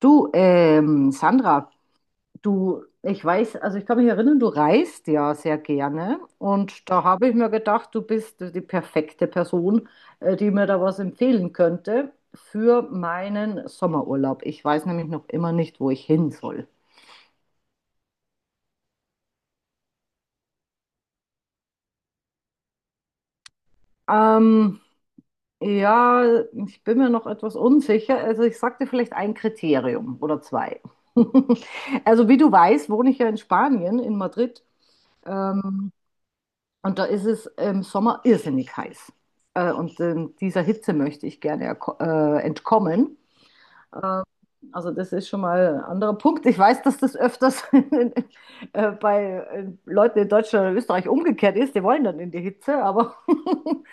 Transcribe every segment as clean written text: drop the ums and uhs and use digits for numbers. Du, Sandra, du, ich weiß, also ich kann mich erinnern, du reist ja sehr gerne und da habe ich mir gedacht, du bist die perfekte Person, die mir da was empfehlen könnte für meinen Sommerurlaub. Ich weiß nämlich noch immer nicht, wo ich hin soll. Ähm, ja, ich bin mir noch etwas unsicher. Also ich sagte vielleicht ein Kriterium oder zwei. Also wie du weißt, wohne ich ja in Spanien, in Madrid. Ähm, Und da ist es im Sommer irrsinnig heiß. Dieser Hitze möchte ich gerne entkommen. Also das ist schon mal ein anderer Punkt. Ich weiß, dass das öfters bei Leuten in Deutschland oder Österreich umgekehrt ist. Die wollen dann in die Hitze, aber,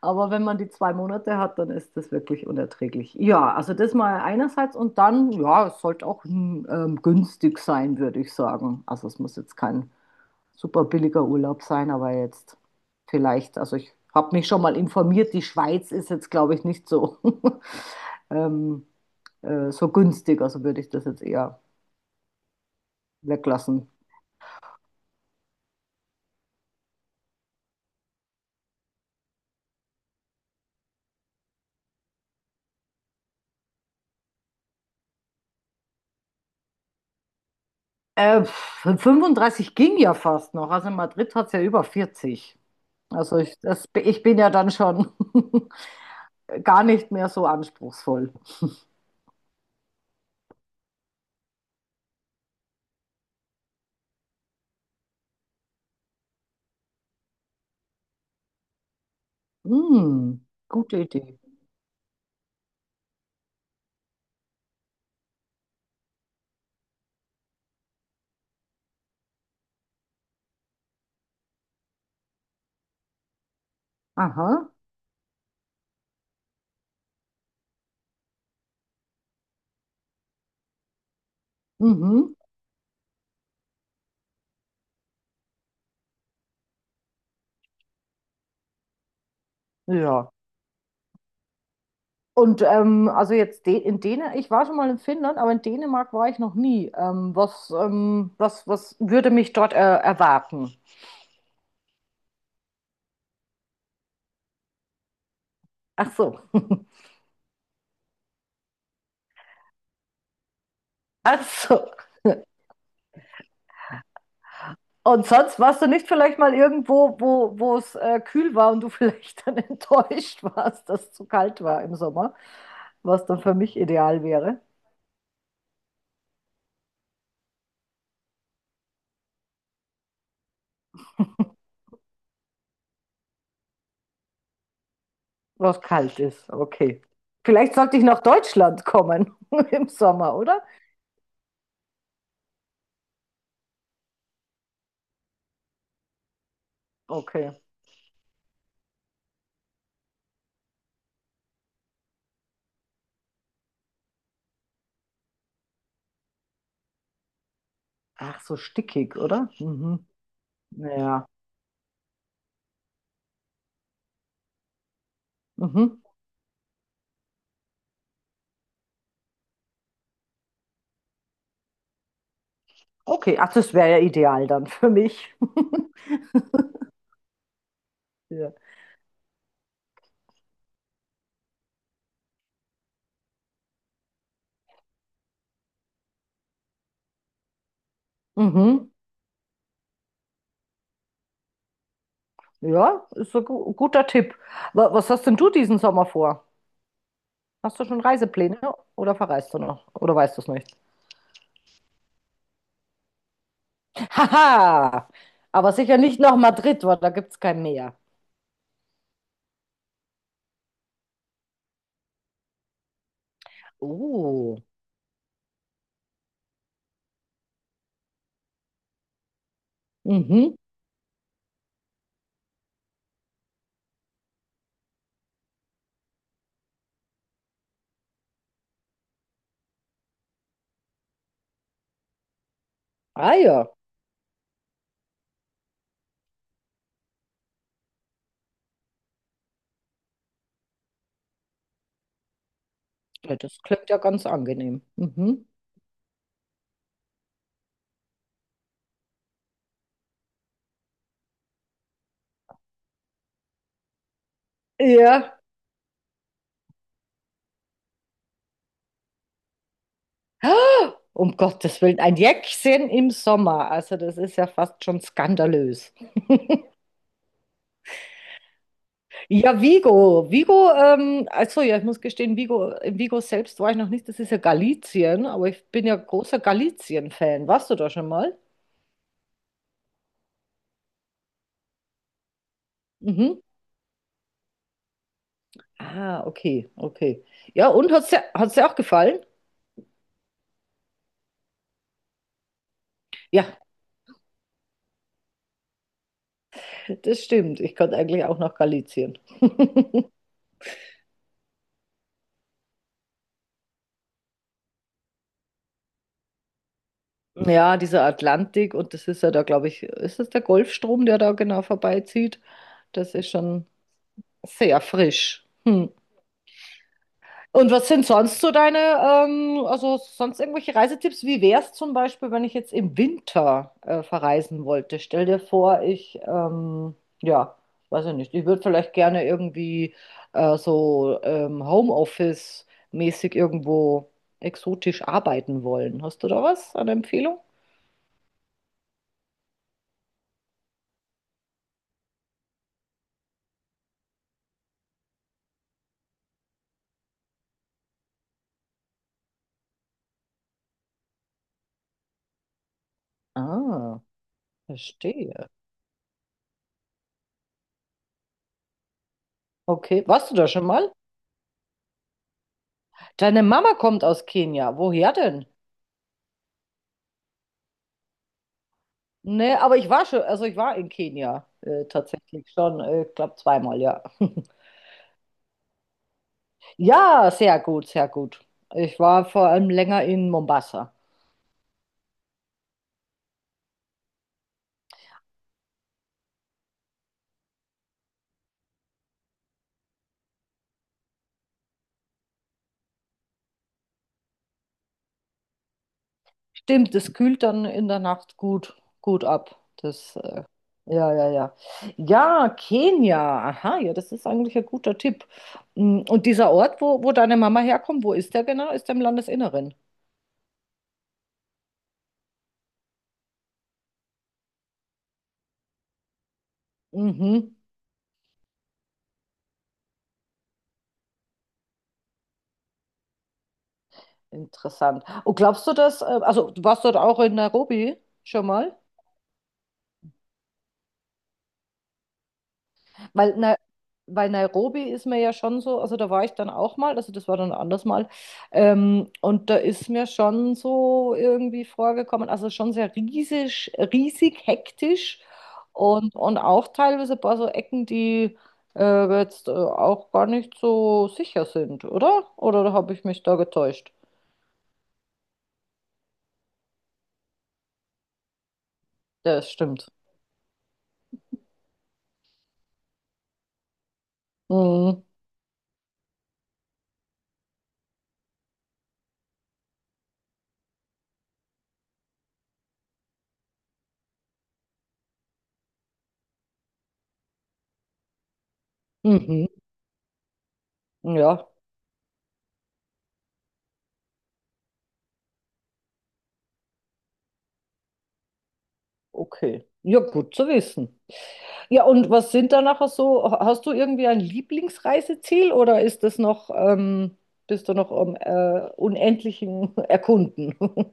aber wenn man die zwei Monate hat, dann ist das wirklich unerträglich. Ja, also das mal einerseits und dann, ja, es sollte auch günstig sein, würde ich sagen. Also es muss jetzt kein super billiger Urlaub sein, aber jetzt vielleicht, also ich habe mich schon mal informiert, die Schweiz ist jetzt, glaube ich, nicht so, ähm, so günstig, also würde ich das jetzt eher weglassen. 35 ging ja fast noch, also in Madrid hat es ja über 40. Also ich, das, ich bin ja dann schon gar nicht mehr so anspruchsvoll. Hm, gute Idee. Aha, mhm, ja. Und also jetzt De in Dänemark, ich war schon mal in Finnland, aber in Dänemark war ich noch nie. Was, was, was würde mich dort erwarten? Ach so, ach so. Und sonst warst du nicht vielleicht mal irgendwo, wo es kühl war und du vielleicht dann enttäuscht warst, dass es zu kalt war im Sommer, was dann für mich ideal wäre, was kalt ist. Okay. Vielleicht sollte ich nach Deutschland kommen im Sommer, oder? Okay. Ach so, stickig, oder? Mhm. Ja. Mhm. Okay, ach, das wäre ja ideal dann für mich. Ja, mhm. Ja, ist ein gu guter Tipp. Was hast denn du diesen Sommer vor? Hast du schon Reisepläne oder verreist du noch? Oder weißt du es nicht? Haha, aber sicher nicht nach Madrid, weil da gibt es kein Meer. Oh, mhm. Ah ja, ja, das klingt ja ganz angenehm. Mhm. Ja. Um Gottes Willen, ein Jäckchen im Sommer. Also das ist ja fast schon skandalös. Ja, Vigo. Vigo, also ja, ich muss gestehen, Vigo, in Vigo selbst war ich noch nicht, das ist ja Galizien, aber ich bin ja großer Galizien-Fan. Warst du da schon mal? Mhm. Ah, okay, okay. Ja, und hat's dir auch gefallen? Ja, das stimmt. Ich konnte eigentlich auch nach Galizien. Ja, dieser Atlantik und das ist ja da, glaube ich, ist das der Golfstrom, der da genau vorbeizieht? Das ist schon sehr frisch. Hm. Und was sind sonst so deine also sonst irgendwelche Reisetipps? Wie wäre es zum Beispiel, wenn ich jetzt im Winter verreisen wollte? Stell dir vor, ja, weiß ich nicht, ich würde vielleicht gerne irgendwie Homeoffice-mäßig irgendwo exotisch arbeiten wollen. Hast du da was an Empfehlung? Ah, verstehe. Okay, warst du da schon mal? Deine Mama kommt aus Kenia. Woher denn? Nee, aber ich war schon, also ich war in Kenia tatsächlich schon, ich glaube zweimal, ja. Ja, sehr gut, sehr gut. Ich war vor allem länger in Mombasa. Stimmt, es kühlt dann in der Nacht gut ab. Ja, ja, ja. Ja, Kenia. Aha, ja, das ist eigentlich ein guter Tipp. Mm, und dieser Ort, wo deine Mama herkommt, wo ist der genau? Ist der im Landesinneren? Mhm, interessant. Und glaubst du, dass, also du warst dort auch in Nairobi schon mal? Weil na, bei Nairobi ist mir ja schon so, also da war ich dann auch mal, also das war dann ein anderes Mal, und da ist mir schon so irgendwie vorgekommen, also schon sehr riesig hektisch und auch teilweise ein paar so Ecken, die jetzt auch gar nicht so sicher sind, oder? Oder habe ich mich da getäuscht? Ja, das stimmt. Mhm. Mhm. Ja, okay. Ja, gut zu wissen. Ja, und was sind da nachher so? Hast du irgendwie ein Lieblingsreiseziel oder ist das noch, bist du noch am unendlichen Erkunden?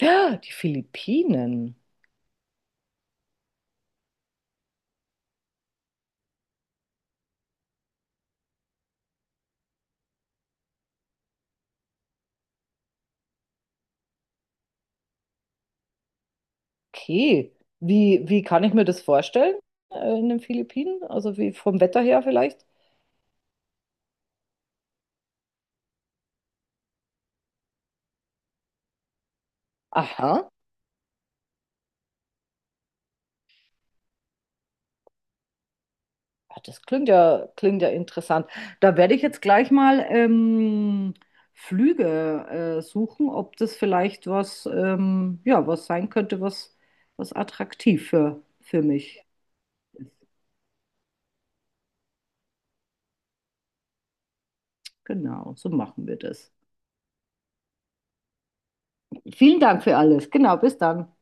Ja, die Philippinen. Okay. Wie kann ich mir das vorstellen, in den Philippinen? Also wie vom Wetter her vielleicht? Aha. Ah, das klingt ja interessant. Da werde ich jetzt gleich mal Flüge suchen, ob das vielleicht was, ja, was sein könnte, was attraktiv für mich ist. Genau, so machen wir das. Vielen Dank für alles. Genau, bis dann.